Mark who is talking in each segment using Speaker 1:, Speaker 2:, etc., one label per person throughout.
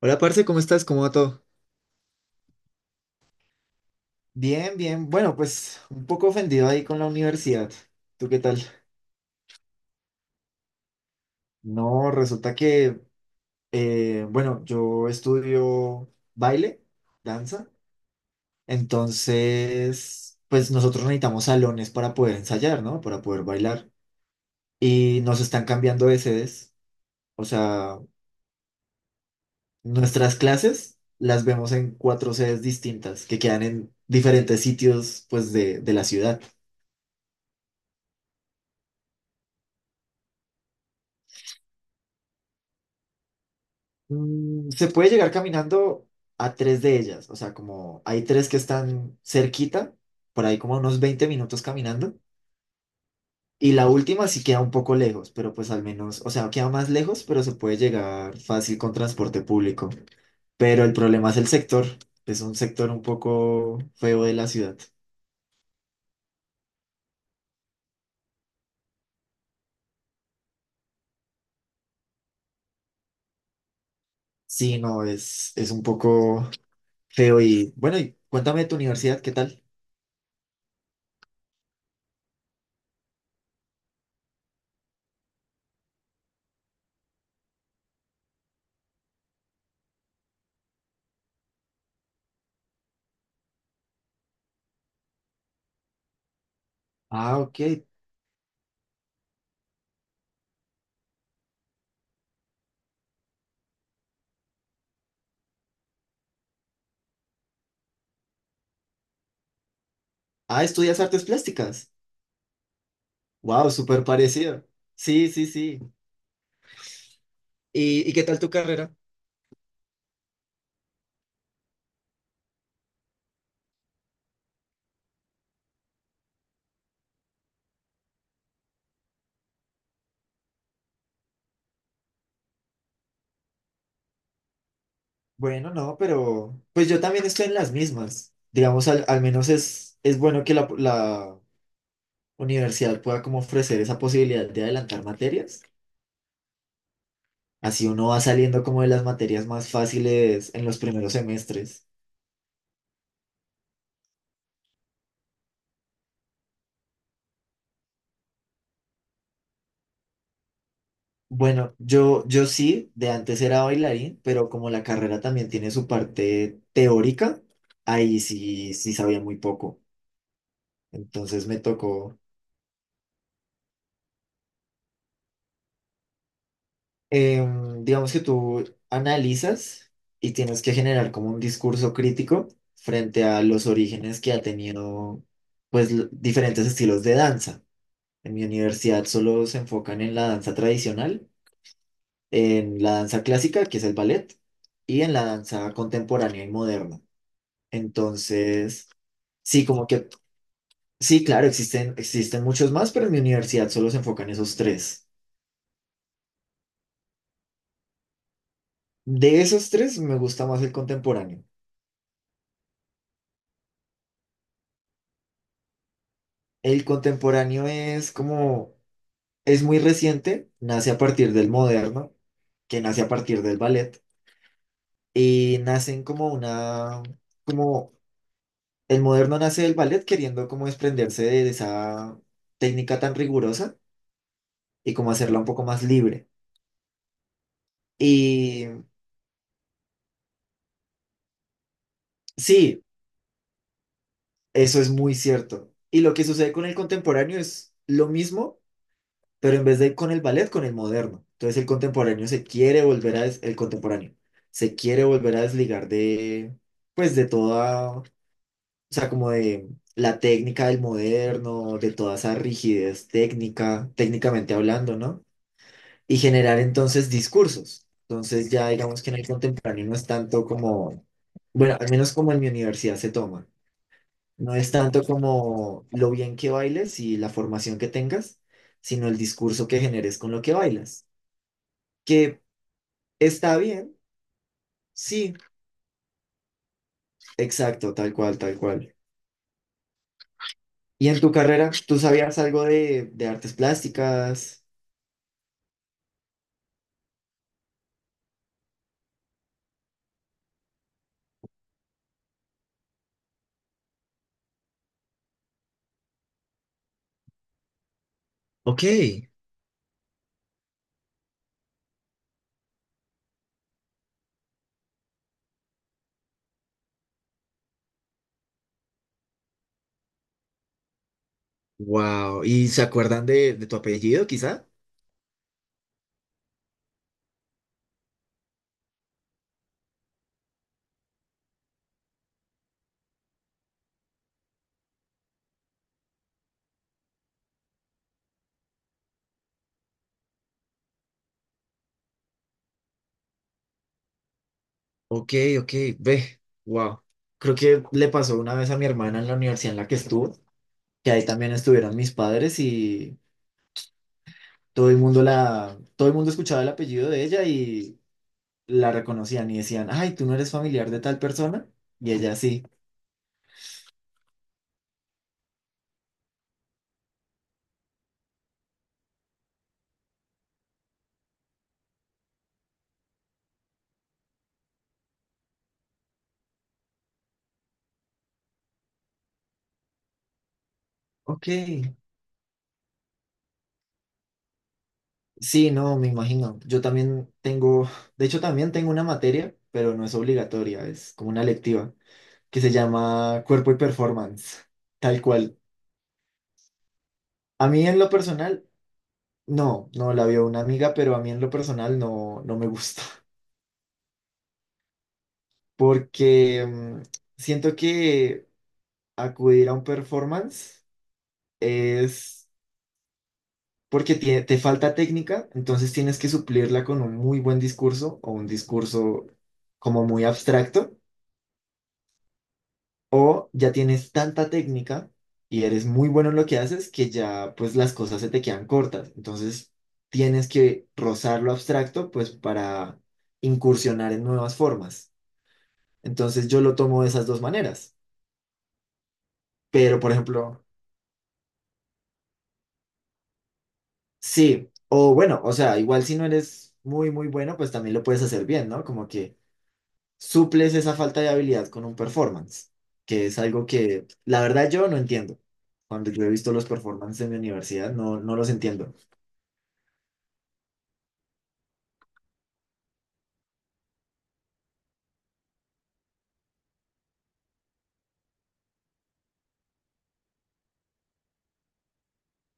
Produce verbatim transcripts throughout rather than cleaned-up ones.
Speaker 1: Hola, parce, ¿cómo estás? ¿Cómo va todo? Bien, bien. Bueno, pues un poco ofendido ahí con la universidad. ¿Tú qué tal? No, resulta que, eh, bueno, yo estudio baile, danza, entonces, pues nosotros necesitamos salones para poder ensayar, ¿no? Para poder bailar. Y nos están cambiando de sedes. O sea, nuestras clases las vemos en cuatro sedes distintas que quedan en diferentes sitios, pues, de, de la ciudad. Mm, se puede llegar caminando a tres de ellas, o sea, como hay tres que están cerquita, por ahí como unos veinte minutos caminando, y la última sí queda un poco lejos, pero pues al menos, o sea, queda más lejos, pero se puede llegar fácil con transporte público. Pero el problema es el sector, es un sector un poco feo de la ciudad. Sí, no, es, es un poco feo y bueno, y cuéntame de tu universidad, ¿qué tal? Ah, ok. Ah, estudias artes plásticas. Wow, súper parecido. Sí, sí, sí. ¿Y, y qué tal tu carrera? Bueno, no, pero pues yo también estoy en las mismas. Digamos, al, al menos es, es bueno que la, la universidad pueda como ofrecer esa posibilidad de adelantar materias. Así uno va saliendo como de las materias más fáciles en los primeros semestres. Bueno, yo, yo sí, de antes era bailarín, pero como la carrera también tiene su parte teórica, ahí sí, sí sabía muy poco. Entonces me tocó. Em, digamos que tú analizas y tienes que generar como un discurso crítico frente a los orígenes que ha tenido, pues, l- diferentes estilos de danza. En mi universidad solo se enfocan en la danza tradicional, en la danza clásica, que es el ballet, y en la danza contemporánea y moderna. Entonces, sí, como que, sí, claro, existen, existen muchos más, pero en mi universidad solo se enfocan esos tres. De esos tres, me gusta más el contemporáneo. El contemporáneo es como, es muy reciente, nace a partir del moderno, que nace a partir del ballet, y nacen como una, como el moderno nace del ballet queriendo como desprenderse de esa técnica tan rigurosa y como hacerla un poco más libre. Y sí, eso es muy cierto. Y lo que sucede con el contemporáneo es lo mismo pero en vez de ir con el ballet, con el moderno. Entonces el contemporáneo se quiere volver a, des- el contemporáneo se quiere volver a desligar de, pues de toda, o sea, como de la técnica del moderno, de toda esa rigidez técnica, técnicamente hablando, ¿no? Y generar entonces discursos. Entonces ya digamos que en el contemporáneo no es tanto como, bueno, al menos como en mi universidad se toma. No es tanto como lo bien que bailes y la formación que tengas, sino el discurso que generes con lo que bailas que está bien, sí, exacto, tal cual, tal cual. ¿Y en tu carrera, tú sabías algo de, de artes plásticas? Ok, wow. ¿Y se acuerdan de, de tu apellido, quizá? Ok, ok, ve, wow. Creo que le pasó una vez a mi hermana en la universidad en la que estuvo, que ahí también estuvieron mis padres y todo el mundo la, todo el mundo escuchaba el apellido de ella y la reconocían y decían, ay, tú no eres familiar de tal persona. Y ella sí, ok. Sí, no, me imagino. Yo también tengo, de hecho también tengo una materia, pero no es obligatoria, es como una electiva, que se llama Cuerpo y Performance, tal cual. A mí en lo personal, no, no la vio una amiga, pero a mí en lo personal no, no me gusta, porque mm, siento que acudir a un performance es porque tie- te falta técnica, entonces tienes que suplirla con un muy buen discurso o un discurso como muy abstracto. O ya tienes tanta técnica y eres muy bueno en lo que haces que ya pues las cosas se te quedan cortas. Entonces tienes que rozar lo abstracto pues para incursionar en nuevas formas. Entonces yo lo tomo de esas dos maneras. Pero por ejemplo, sí, o bueno, o sea, igual si no eres muy muy bueno pues también lo puedes hacer bien, ¿no? Como que suples esa falta de habilidad con un performance, que es algo que la verdad yo no entiendo. Cuando yo he visto los performances en mi universidad, no, no los entiendo.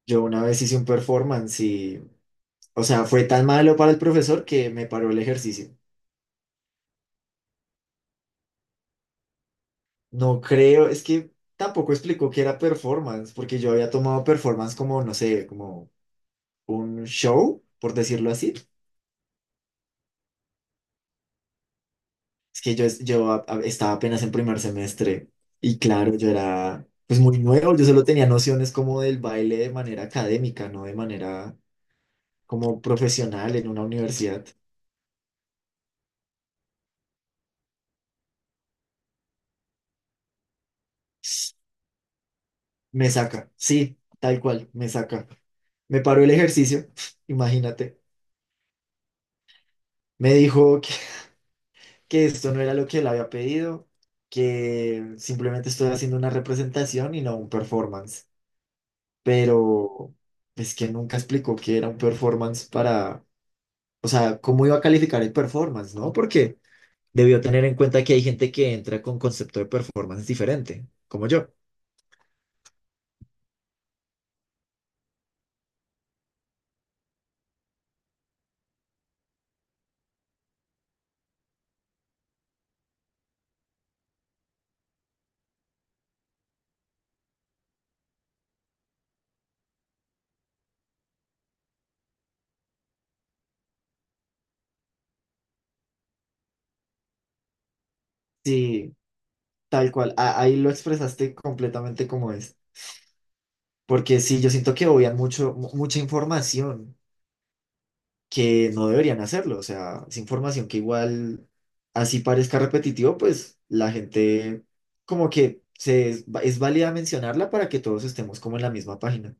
Speaker 1: Yo una vez hice un performance y, o sea, fue tan malo para el profesor que me paró el ejercicio. No creo, es que tampoco explicó que era performance, porque yo había tomado performance como, no sé, como un show, por decirlo así. Es que yo, es- yo a- a- estaba apenas en primer semestre y claro, yo era pues muy nuevo, yo solo tenía nociones como del baile de manera académica, no de manera como profesional en una universidad. Me saca, sí, tal cual, me saca. Me paró el ejercicio, imagínate. Me dijo que, que esto no era lo que él había pedido, que simplemente estoy haciendo una representación y no un performance. Pero es que nunca explicó que era un performance para, o sea, cómo iba a calificar el performance, ¿no? Porque debió tener en cuenta que hay gente que entra con concepto de performance diferente, como yo. Sí, tal cual. A- ahí lo expresaste completamente como es. Porque sí, yo siento que obvian mucho, mu- mucha información que no deberían hacerlo. O sea, es información que igual, así parezca repetitivo, pues la gente como que se, es, es válida mencionarla para que todos estemos como en la misma página.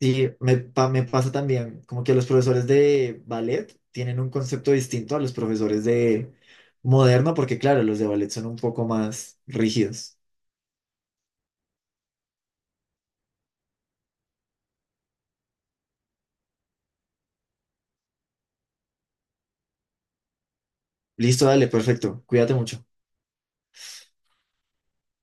Speaker 1: Sí, me, pa- me pasa también como que los profesores de ballet tienen un concepto distinto a los profesores de moderno, porque claro, los de ballet son un poco más rígidos. Listo, dale, perfecto. Cuídate mucho.